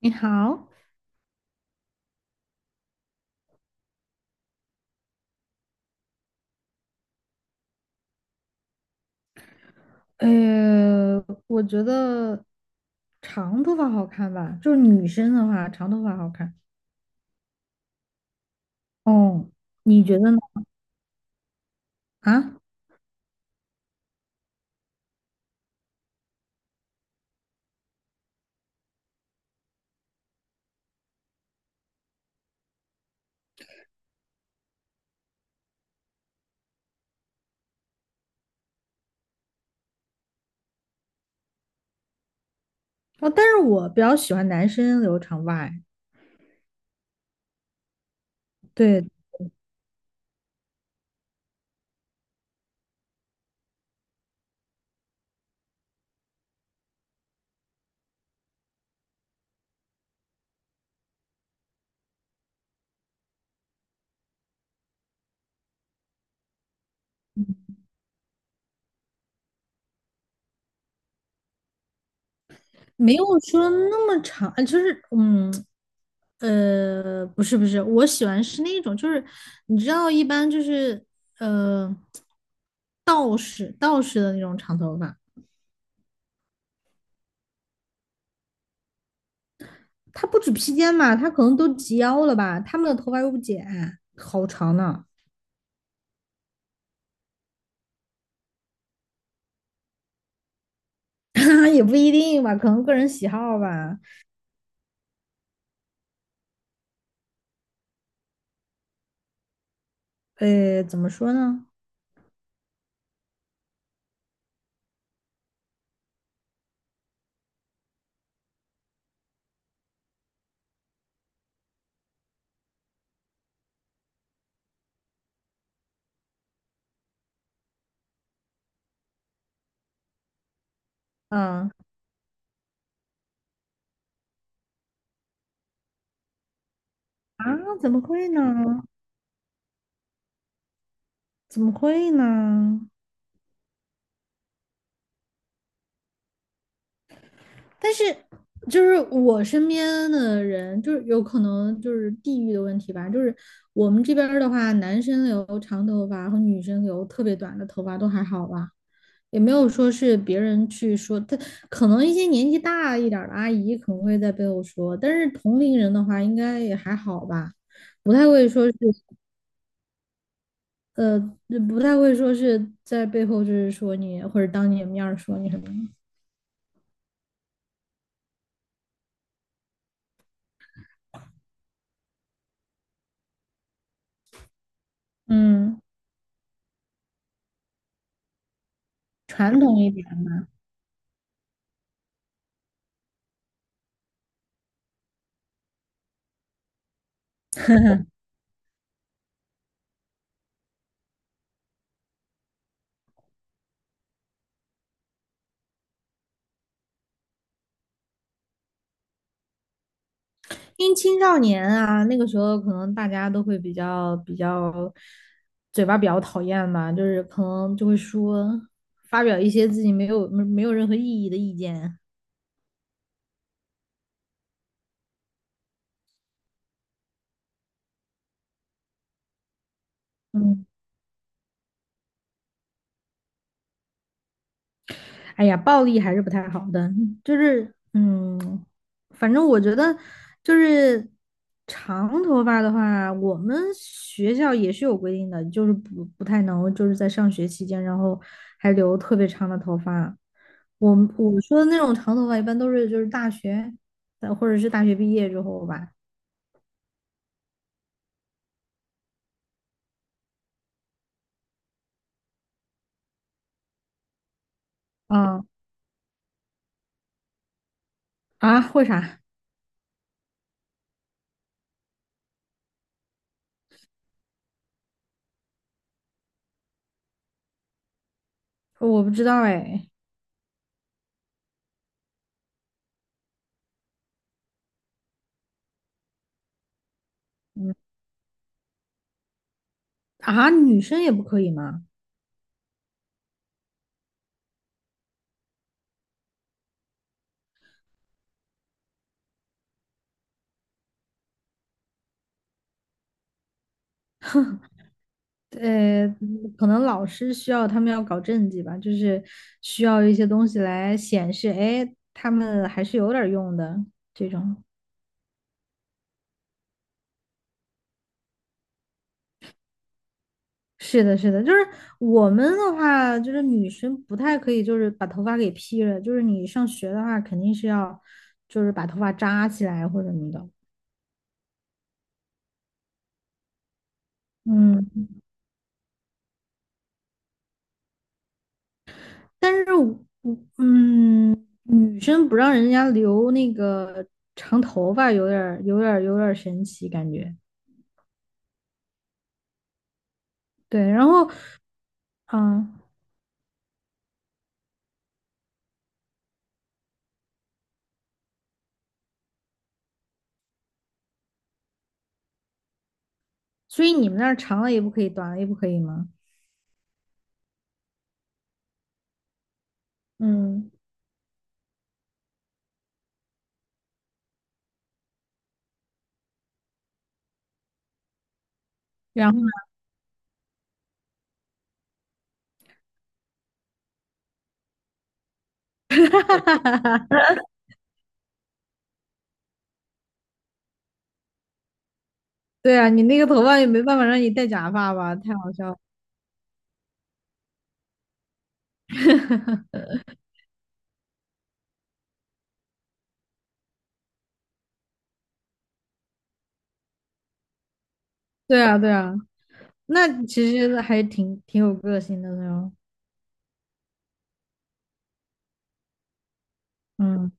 你好，呃，我觉得长头发好看吧，就是女生的话，长头发好看。哦，你觉得呢？啊，哦，但是我比较喜欢男生留长发，哎，对，没有说那么长，就是不是，我喜欢是那种，就是你知道，一般就是呃，道士的那种长头发。他不止披肩嘛，他可能都及腰了吧？他们的头发又不剪，好长呢 也不一定吧，可能个人喜好吧。怎么说呢？嗯啊，怎么会呢？怎么会呢？但是就是我身边的人，就是有可能就是地域的问题吧。就是我们这边儿的话，男生留长头发和女生留特别短的头发都还好吧。也没有说是别人去说他，可能一些年纪大一点的阿姨可能会在背后说，但是同龄人的话应该也还好吧，不太会说是呃，不太会说是在背后就是说你或者当你的面儿说你什么的，嗯，传统一点的，因为青少年啊，那个时候可能大家都会比较嘴巴比较讨厌吧，就是可能就会说发表一些自己没有任何意义的意见，嗯。哎呀，暴力还是不太好的，就是反正我觉得就是长头发的话，我们学校也是有规定的，就是不太能就是在上学期间，然后还留特别长的头发。我我说的那种长头发，一般都是就是大学，或者是大学毕业之后吧。啊啊，为啥？我不知道哎。嗯啊，女生也不可以吗？可能老师需要他们要搞政绩吧，就是需要一些东西来显示，哎，他们还是有点儿用的这种。是的，是的，就是我们的话，就是女生不太可以，就是把头发给披了，就是你上学的话，肯定是要就是把头发扎起来或者什么的。嗯，但是女生不让人家留那个长头发，有点儿神奇感觉。对，然后嗯。啊，所以你们那儿长了也不可以，短了也不可以吗？嗯，然后，对啊，你那个头发也没办法让你戴假发吧？太好笑了。对啊，对啊，那其实还挺有个性的那种。嗯，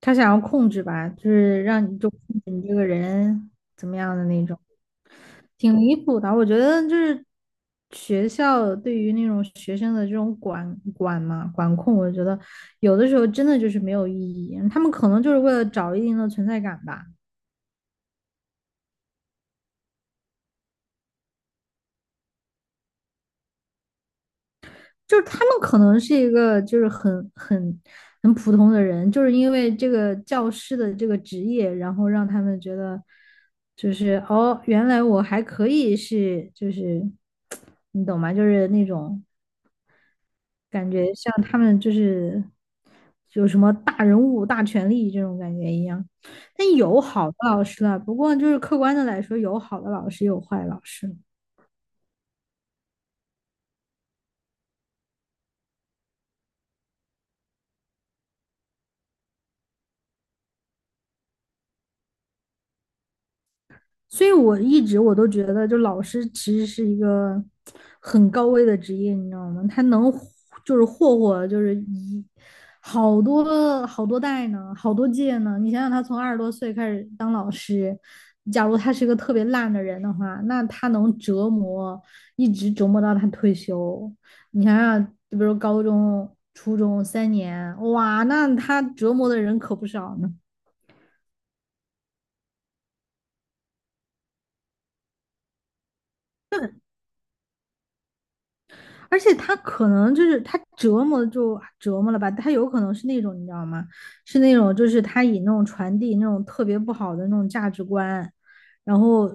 他想要控制吧，就是让你就控制你这个人怎么样的那种。挺离谱的，我觉得就是学校对于那种学生的这种管管嘛管控，我觉得有的时候真的就是没有意义。他们可能就是为了找一定的存在感吧，就是他们可能是一个就是很普通的人，就是因为这个教师的这个职业，然后让他们觉得就是哦，原来我还可以是就是 你懂吗？就是那种。有什么大人物、大权力这种感觉一样。但有好的老师了，不过就是客观的来说，有好的老师，有坏老师。所以我一直我都觉得，就老师其实是一个很高危的职业，你知道吗？他能就是霍霍，就是一好多好多代呢，好多届呢。你想想，他从20多岁开始当老师，假如他是一个特别烂的人的话，那他能折磨，一直折磨到他退休。你想想，就比如高中、初中3年，哇，那他折磨的人可不少呢。而且他可能就是他折磨就折磨了吧，他有可能是那种你知道吗？是那种就是他以那种传递那种特别不好的那种价值观，然后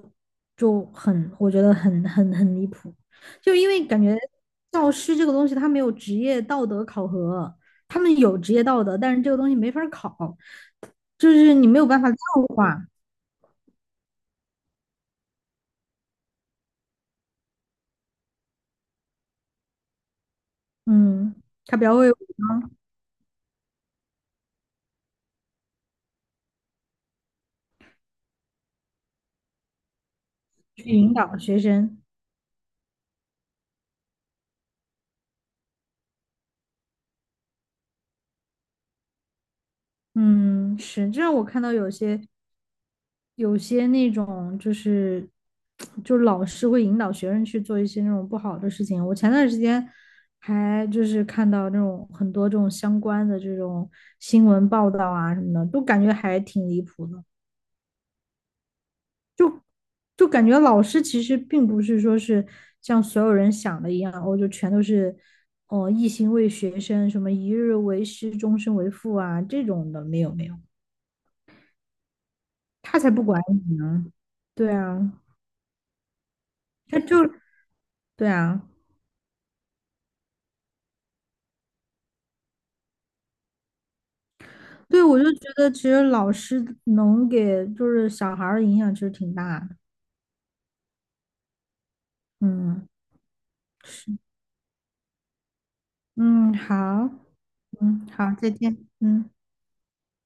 我觉得很离谱，就因为感觉教师这个东西他没有职业道德考核，他们有职业道德，但是这个东西没法考，就是你没有办法量化，嗯，他比较会去引导学生，嗯，是，这让我看到有些。有些那种就是，就老师会引导学生去做一些那种不好的事情。我前段时间还就是看到那种很多这种相关的这种新闻报道啊什么的，都感觉还挺离谱的。就就感觉老师其实并不是说是像所有人想的一样，我就全都是哦一心为学生，什么一日为师，终身为父啊这种的，没有没有，他才不管你呢。对啊，他就对啊。对，我就觉得其实老师能给就是小孩儿的影响其实挺大的。嗯，是，嗯，好，嗯，好，再见，嗯。